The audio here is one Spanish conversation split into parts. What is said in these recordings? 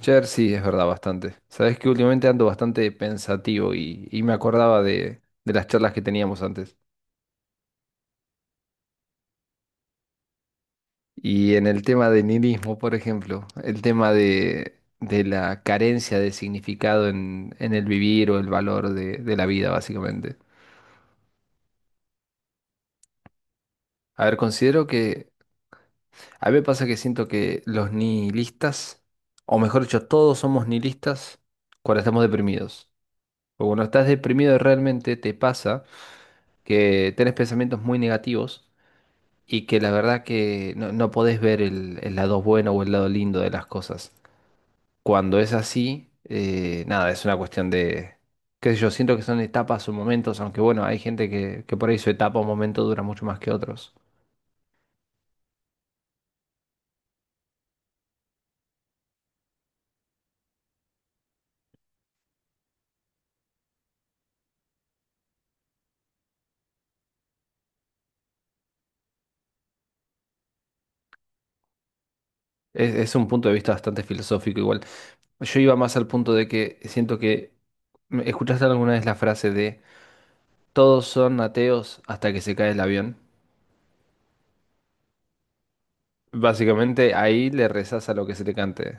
Cher, sí, es verdad, bastante. Sabes que últimamente ando bastante pensativo y me acordaba de las charlas que teníamos antes. Y en el tema de nihilismo, por ejemplo, el tema de la carencia de significado en el vivir o el valor de la vida, básicamente. A ver, considero que. A mí me pasa que siento que los nihilistas, o mejor dicho, todos somos nihilistas cuando estamos deprimidos. O cuando estás deprimido realmente te pasa que tenés pensamientos muy negativos y que la verdad que no, no podés ver el lado bueno o el lado lindo de las cosas. Cuando es así, nada, es una cuestión de, qué sé yo, siento que son etapas o momentos, aunque bueno, hay gente que por ahí su etapa o momento dura mucho más que otros. Es un punto de vista bastante filosófico igual. Yo iba más al punto de que siento que, ¿escuchaste alguna vez la frase de todos son ateos hasta que se cae el avión? Básicamente ahí le rezás a lo que se te cante.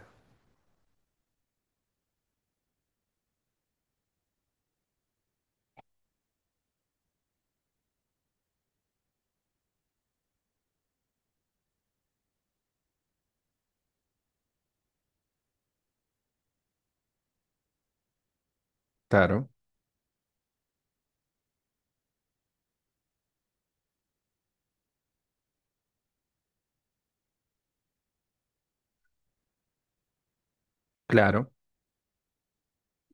Claro, claro.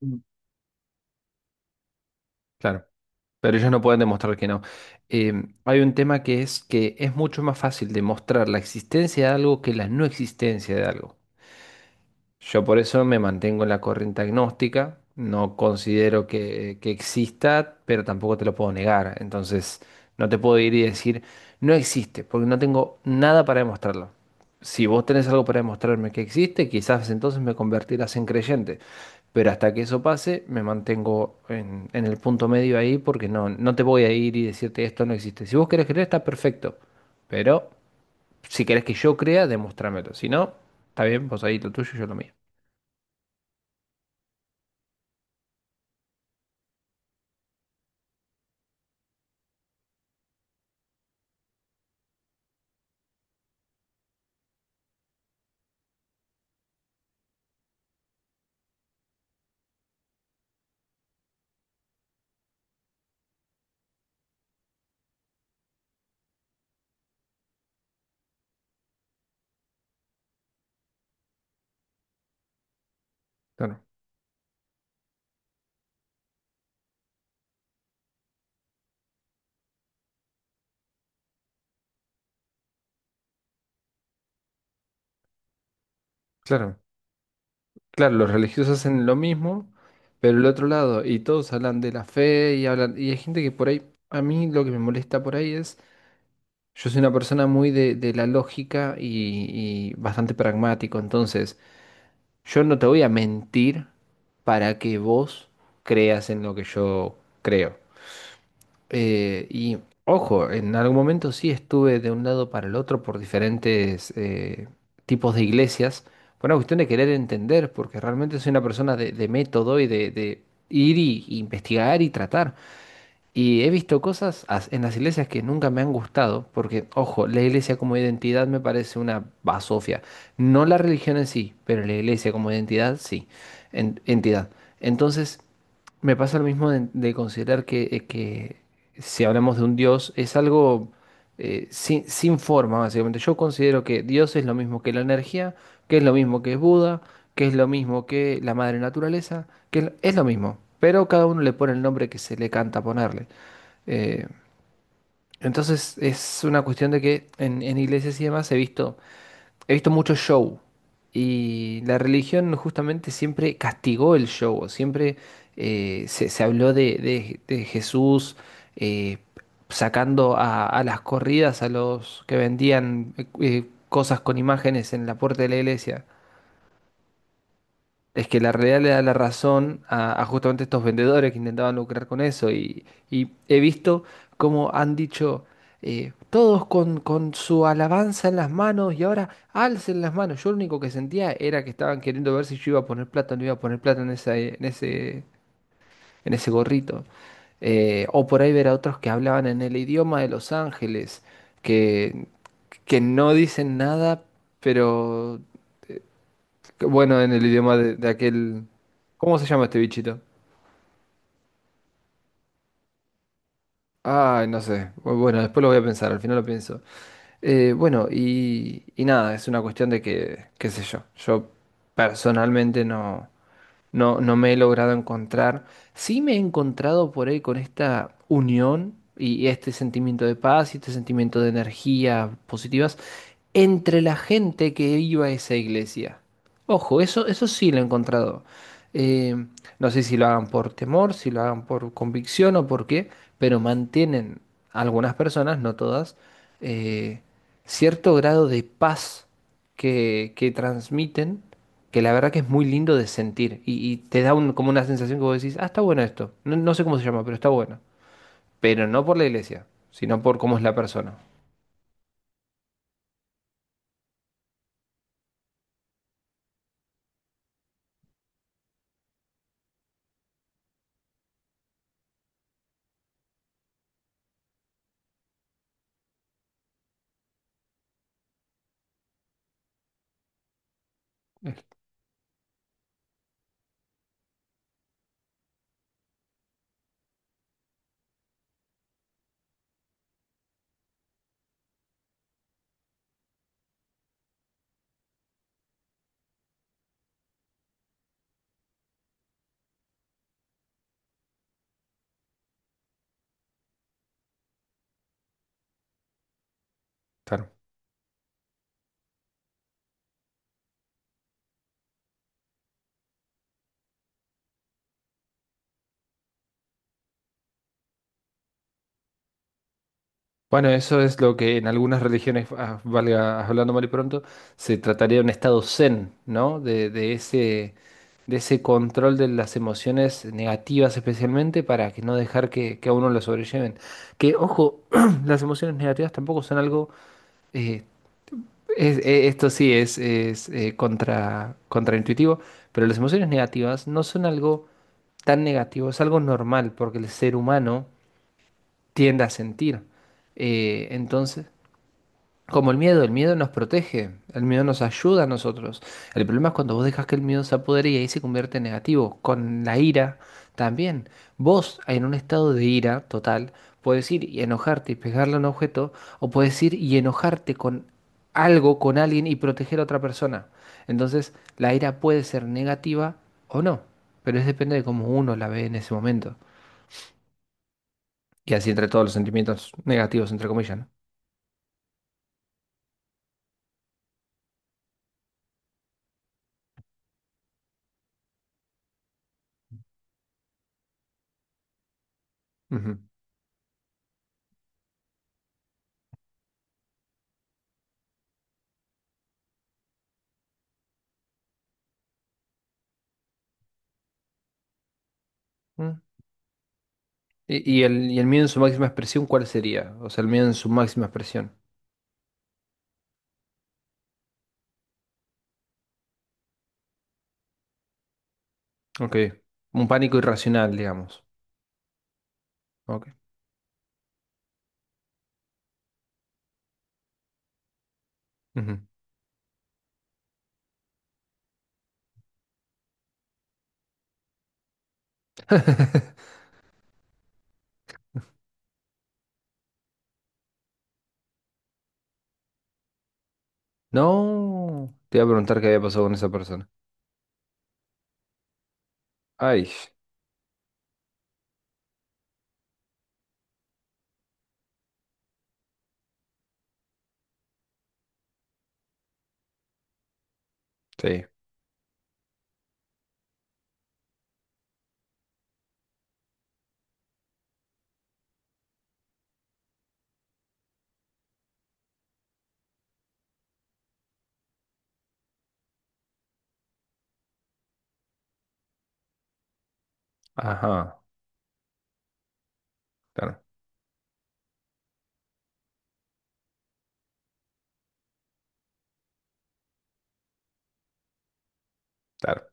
Mm. Claro. Pero ellos no pueden demostrar que no. Hay un tema que es mucho más fácil demostrar la existencia de algo que la no existencia de algo. Yo por eso me mantengo en la corriente agnóstica, no considero que exista, pero tampoco te lo puedo negar. Entonces, no te puedo ir y decir, no existe, porque no tengo nada para demostrarlo. Si vos tenés algo para demostrarme que existe, quizás entonces me convertirás en creyente. Pero hasta que eso pase, me mantengo en el punto medio ahí, porque no, no te voy a ir y decirte esto no existe. Si vos querés creer, está perfecto. Pero si querés que yo crea, demuéstramelo. Si no, está bien, vos ahí lo tuyo, yo lo mío. Claro, claro, claro, los religiosos hacen lo mismo, pero el otro lado, y todos hablan de la fe y hablan, y hay gente que por ahí, a mí lo que me molesta por ahí es, yo soy una persona muy de la lógica y bastante pragmático, entonces yo no te voy a mentir para que vos creas en lo que yo creo. Y ojo, en algún momento sí estuve de un lado para el otro por diferentes tipos de iglesias. Fue una cuestión de querer entender, porque realmente soy una persona de método y de ir y investigar y tratar. Y he visto en las iglesias que nunca me han gustado, porque, ojo, la iglesia como identidad me parece una basofia. No la religión en sí, pero la iglesia como identidad, sí. Entidad. Entonces, me pasa lo mismo de considerar que si hablamos de un Dios, es algo sin, sin forma, básicamente. Yo considero que Dios es lo mismo que la energía, que es lo mismo que Buda, que es lo mismo que la madre naturaleza, que es lo mismo, pero cada uno le pone el nombre que se le canta ponerle. Eh, entonces es una cuestión de que en iglesias y demás he visto mucho show y la religión justamente siempre castigó el show, siempre se, se habló de, de Jesús eh, sacando a las corridas a los que vendían cosas con imágenes en la puerta de la iglesia. Es que la realidad le da la razón a justamente estos vendedores que intentaban lucrar con eso y he visto cómo han dicho todos con su alabanza en las manos y ahora alcen las manos. Yo lo único que sentía era que estaban queriendo ver si yo iba a poner plata o no iba a poner plata en esa, en ese gorrito. O por ahí ver a otros que hablaban en el idioma de Los Ángeles, que, que no dicen nada, pero que bueno, en el idioma de aquel... ¿Cómo se llama este bichito? Ay, no sé. Bueno, después lo voy a pensar, al final lo pienso. Bueno, y nada, es una cuestión de que, qué sé yo, yo personalmente no... No, no me he logrado encontrar. Sí me he encontrado por ahí con esta unión y este sentimiento de paz y este sentimiento de energía positivas entre la gente que iba a esa iglesia. Ojo, eso sí lo he encontrado. Eh, no sé si lo hagan por temor, si lo hagan por convicción o por qué, pero mantienen algunas personas, no todas, eh, cierto grado de paz que transmiten, que la verdad que es muy lindo de sentir y te da como una sensación que vos decís, ah, está bueno esto, no, no sé cómo se llama, pero está bueno, pero no por la iglesia, sino por cómo es la persona. Eh, Claro. Bueno, eso es lo que en algunas religiones, ah, valga hablando mal y pronto, se trataría de un estado zen, ¿no? De ese. De ese control de las emociones negativas especialmente para que no dejar que a uno lo sobrelleven. Que, ojo, las emociones negativas tampoco son algo, eh, esto sí es contra, contraintuitivo, pero las emociones negativas no son algo tan negativo, es algo normal porque el ser humano tiende a sentir. Entonces, como el miedo nos protege, el miedo nos ayuda a nosotros. El problema es cuando vos dejas que el miedo se apodere y ahí se convierte en negativo. Con la ira también. Vos en un estado de ira total puedes ir y enojarte y pegarle a un objeto o puedes ir y enojarte con algo, con alguien y proteger a otra persona. Entonces la ira puede ser negativa o no, pero es depende de cómo uno la ve en ese momento. Y así entre todos los sentimientos negativos, entre comillas, ¿no? Ujú. Y el miedo en su máxima expresión, ¿cuál sería? O sea, el miedo en su máxima expresión. Ok. Un pánico irracional, digamos. Ok. Ujú. No. Te iba a preguntar qué había pasado con esa persona. Ay, sí. Ajá. Claro, claro.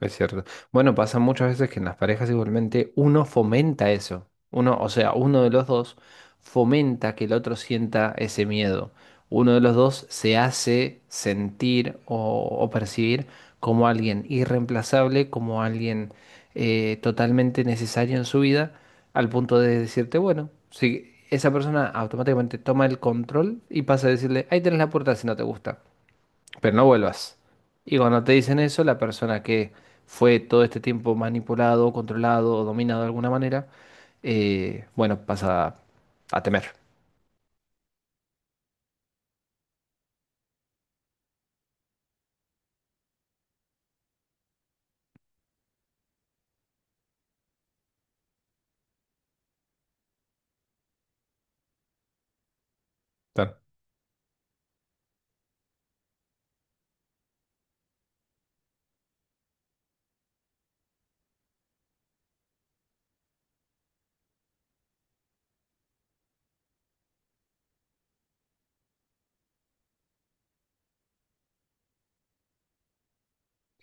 Es cierto. Bueno, pasa muchas veces que en las parejas igualmente uno fomenta eso. Uno, o sea, uno de los dos fomenta que el otro sienta ese miedo. Uno de los dos se hace sentir o percibir como alguien irreemplazable, como alguien totalmente necesario en su vida, al punto de decirte, bueno, si esa persona automáticamente toma el control y pasa a decirle, ahí tenés la puerta si no te gusta pero no vuelvas. Y cuando te dicen eso, la persona que fue todo este tiempo manipulado, controlado o dominado de alguna manera, bueno, pasa a temer. Claro,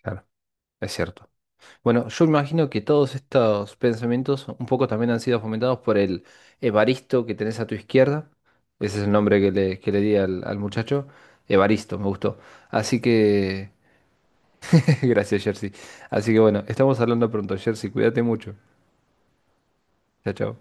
claro. Es cierto. Bueno, yo imagino que todos estos pensamientos un poco también han sido fomentados por el Evaristo que tenés a tu izquierda. Ese es el nombre que le di al, al muchacho. Evaristo, me gustó. Así que... Gracias, Jersey. Así que bueno, estamos hablando pronto, Jersey. Cuídate mucho. Chao, chao.